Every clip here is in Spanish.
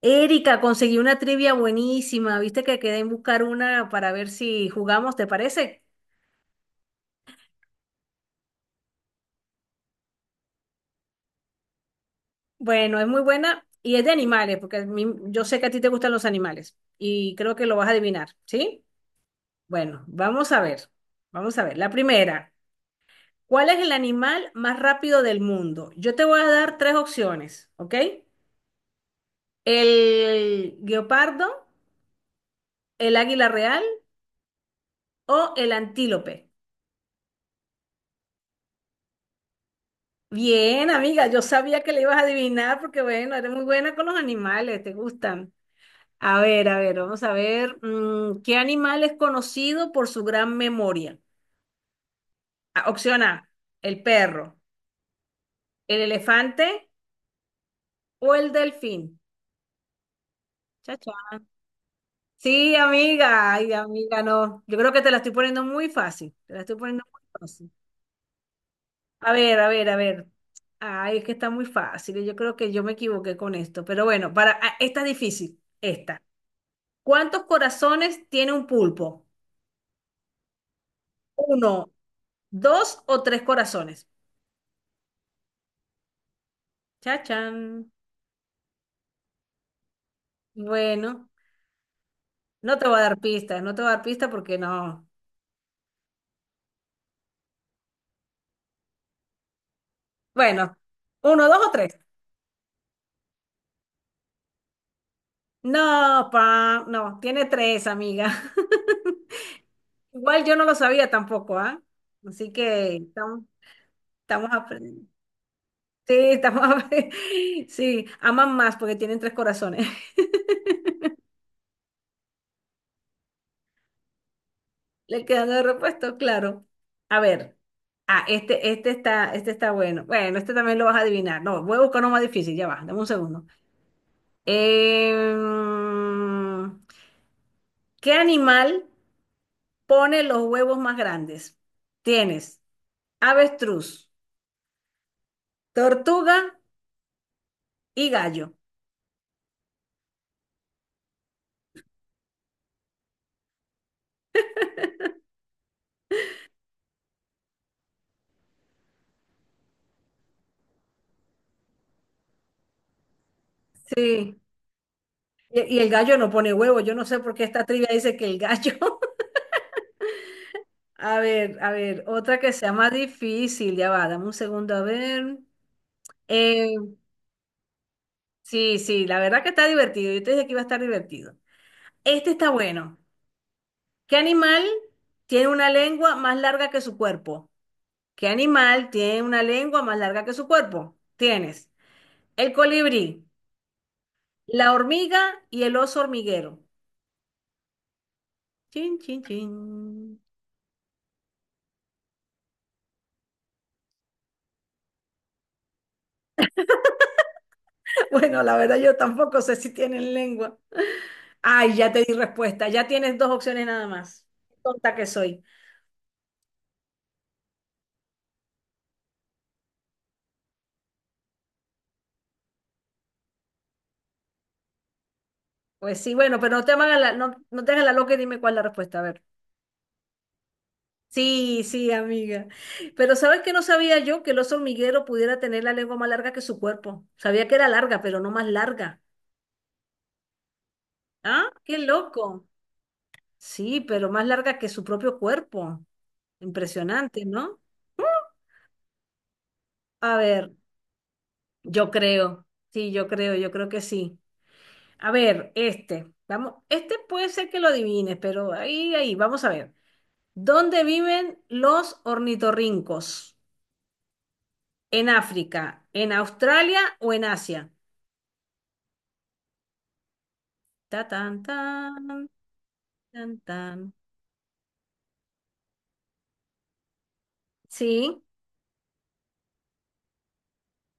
Erika, conseguí una trivia buenísima. ¿Viste que quedé en buscar una para ver si jugamos, te parece? Bueno, es muy buena y es de animales, porque yo sé que a ti te gustan los animales y creo que lo vas a adivinar, ¿sí? Bueno, vamos a ver. Vamos a ver. La primera, ¿cuál es el animal más rápido del mundo? Yo te voy a dar tres opciones, ¿ok? El guepardo, el águila real o el antílope. Bien, amiga, yo sabía que le ibas a adivinar porque, bueno, eres muy buena con los animales, te gustan. A ver, vamos a ver. ¿Qué animal es conocido por su gran memoria? Ah, opción A, el perro, el elefante o el delfín. Chacha. Sí, amiga, ay, amiga, no. Yo creo que te la estoy poniendo muy fácil. Te la estoy poniendo muy fácil. A ver, a ver, a ver. Ay, es que está muy fácil. Yo creo que yo me equivoqué con esto. Pero bueno, para, esta es difícil. Esta. ¿Cuántos corazones tiene un pulpo? ¿Uno, dos o tres corazones? Chachán. Bueno, no te voy a dar pistas, no te voy a dar pistas porque no. Bueno, uno, dos o tres. No, pa, no, tiene tres, amiga. Igual yo no lo sabía tampoco, ¿ah? Así que estamos, estamos aprendiendo. Sí, estamos aprendiendo. Sí, aman más porque tienen tres corazones. Le quedan de repuesto, claro. A ver. Ah, este está bueno. Bueno, este también lo vas a adivinar. No, voy a buscar uno más difícil, ya va, dame un segundo. Em, ¿Qué animal pone los huevos más grandes? Tienes avestruz, tortuga y gallo. Sí. Y el gallo no pone huevo. Yo no sé por qué esta trivia dice que el gallo. A ver, otra que sea más difícil, ya va, dame un segundo, a ver. Em, Sí, sí, la verdad que está divertido. Yo te dije que iba a estar divertido. Este está bueno. ¿Qué animal tiene una lengua más larga que su cuerpo? ¿Qué animal tiene una lengua más larga que su cuerpo? Tienes el colibrí, la hormiga y el oso hormiguero. Chin, chin, chin. Bueno, la verdad yo tampoco sé si tienen lengua. Ay, ya te di respuesta. Ya tienes dos opciones nada más. Tonta que soy. Pues sí, bueno, pero no te hagas la, no, no te hagas la loca y dime cuál es la respuesta. A ver. Sí, sí, amiga. Pero ¿sabes que no sabía yo que el oso hormiguero pudiera tener la lengua más larga que su cuerpo? Sabía que era larga, pero no más larga. ¿Ah? ¡Qué loco! Sí, pero más larga que su propio cuerpo. Impresionante, ¿no? A ver, yo creo. Sí, yo creo que sí. A ver, este. Vamos, este puede ser que lo adivines, pero ahí, ahí, vamos a ver. ¿Dónde viven los ornitorrincos? ¿En África, en Australia o en Asia? Ta tan tan tan tan. Sí,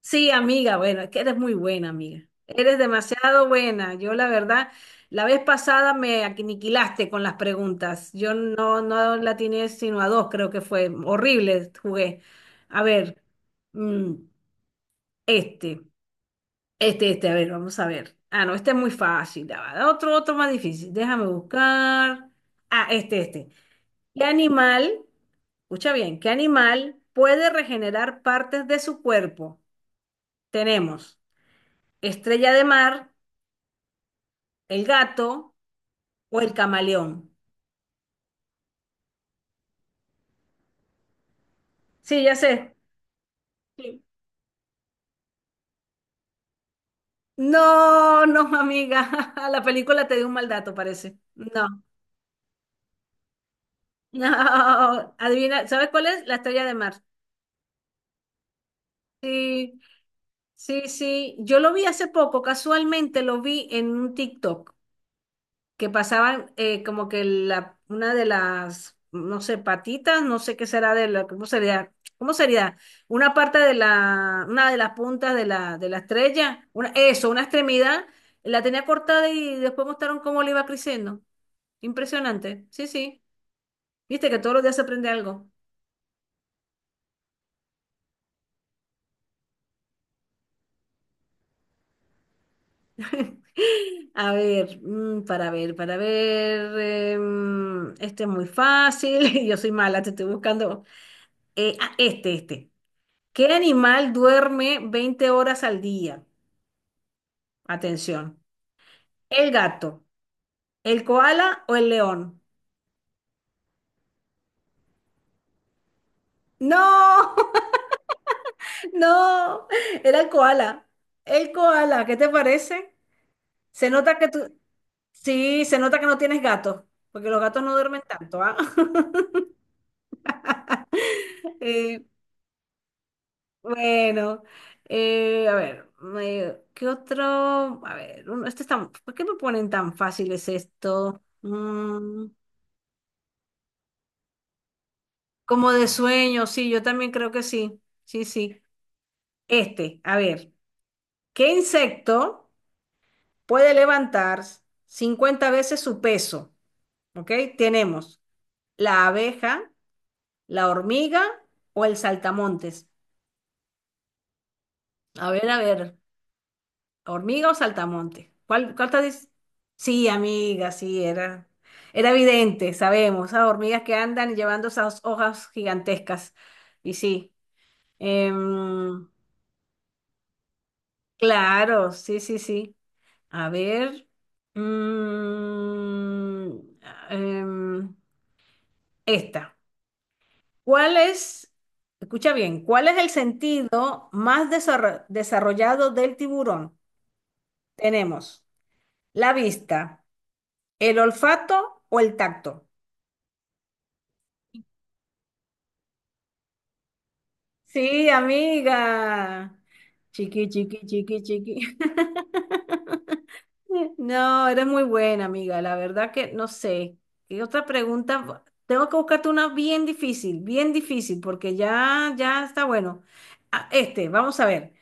sí, amiga, bueno, es que eres muy buena, amiga. Eres demasiado buena. Yo, la verdad, la vez pasada me aniquilaste con las preguntas. Yo no, no la tiene sino a dos, creo que fue. Horrible, jugué. A ver, mm, este, este, a ver, vamos a ver. Ah, no, este es muy fácil. Ya va. Otro, otro más difícil. Déjame buscar. Ah, este. ¿Qué animal? Escucha bien, ¿qué animal puede regenerar partes de su cuerpo? Tenemos estrella de mar, el gato o el camaleón. Sí, ya sé. Sí. No, no, amiga. La película te dio un mal dato, parece. No, no. Adivina, ¿sabes cuál es? La estrella de mar. Sí, sí, sí. Yo lo vi hace poco, casualmente lo vi en un TikTok. Que pasaban como que la, una de las, no sé, patitas, no sé qué será de la, ¿cómo sería? ¿Cómo sería? Una parte de la, una de las puntas de la estrella, una, eso, una extremidad, la tenía cortada y después mostraron cómo le iba creciendo. Impresionante, sí, sí. Viste que todos los días se aprende algo. A ver, para ver, para ver. Este es muy fácil, yo soy mala, te estoy buscando. Este, este. ¿Qué animal duerme 20 horas al día? Atención. ¿El gato, el koala o el león? No, no, era el koala. El koala, ¿qué te parece? Se nota que tú, sí, se nota que no tienes gatos, porque los gatos no duermen tanto, ¿ah? Eh, bueno, a ver, ¿qué otro? A ver, este está, ¿por qué me ponen tan fáciles esto? Mm. Como de sueño, sí, yo también creo que sí. Sí, sí. Este, a ver, ¿qué insecto puede levantar 50 veces su peso? ¿Ok? Tenemos la abeja, la hormiga o el saltamontes. A ver, ¿hormiga o saltamontes? ¿Cuál te dice? Sí, amiga, sí, era, era evidente, sabemos, esas hormigas que andan llevando esas hojas gigantescas. Y sí, em, claro, sí, sí, sí. A ver. mm, em, esta. ¿Cuál es, escucha bien, cuál es el sentido más desarrollado del tiburón? Tenemos la vista, el olfato o el tacto. Sí, amiga. Chiqui, chiqui, chiqui, chiqui. No, eres muy buena, amiga. La verdad que no sé. ¿Qué otra pregunta? Tengo que buscarte una bien difícil, porque ya, ya está bueno. Ah, este, vamos a ver.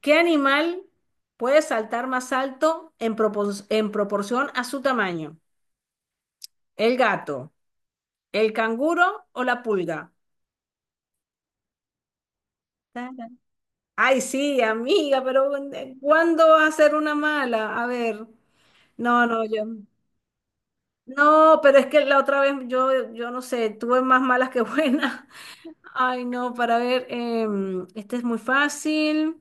¿Qué animal puede saltar más alto en proporción a su tamaño? ¿El gato, el canguro o la pulga? Tarán. Ay, sí, amiga, pero ¿cuándo va a ser una mala? A ver. No, no, yo. No, pero es que la otra vez yo, no sé, tuve más malas que buenas. Ay, no, para ver, este es muy fácil.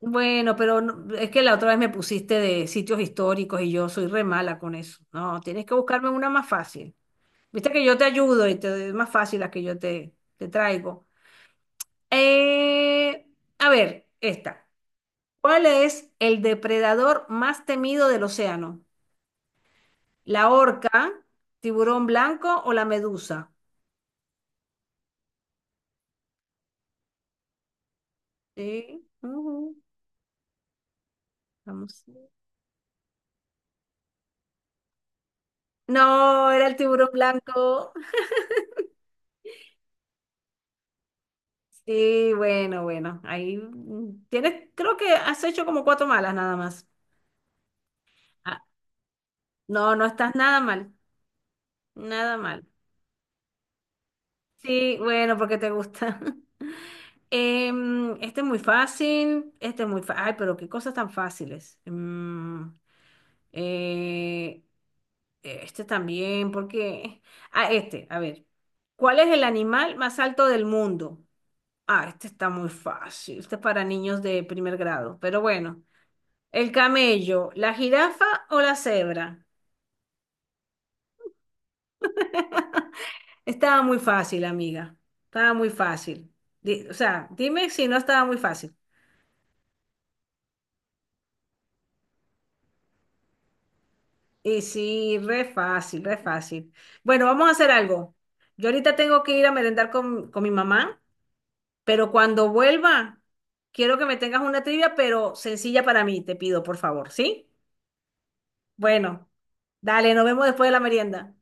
Bueno, pero es que la otra vez me pusiste de sitios históricos y yo soy re mala con eso. No, tienes que buscarme una más fácil. Viste que yo te ayudo y te doy más fácil las que yo te traigo. Eh, a ver, esta. ¿Cuál es el depredador más temido del océano? ¿La orca, tiburón blanco o la medusa? Sí, ujú, vamos. No, era el tiburón blanco. Sí, bueno, bueno. Ahí tienes, creo que has hecho como cuatro malas nada más. Ah, no, no estás nada mal. Nada mal. Sí, bueno, porque te gusta. Em, este es muy fácil. Este es muy fácil. Ay, pero qué cosas tan fáciles. Eh, este también, porque. Ah, este, a ver. ¿Cuál es el animal más alto del mundo? Ah, este está muy fácil. Este es para niños de primer grado. Pero bueno, el camello, la jirafa o la cebra. Estaba muy fácil, amiga. Estaba muy fácil. O sea, dime si no estaba muy fácil. Y sí, re fácil, re fácil. Bueno, vamos a hacer algo. Yo ahorita tengo que ir a merendar con, mi mamá, pero cuando vuelva, quiero que me tengas una trivia, pero sencilla para mí, te pido, por favor, ¿sí? Bueno, dale, nos vemos después de la merienda.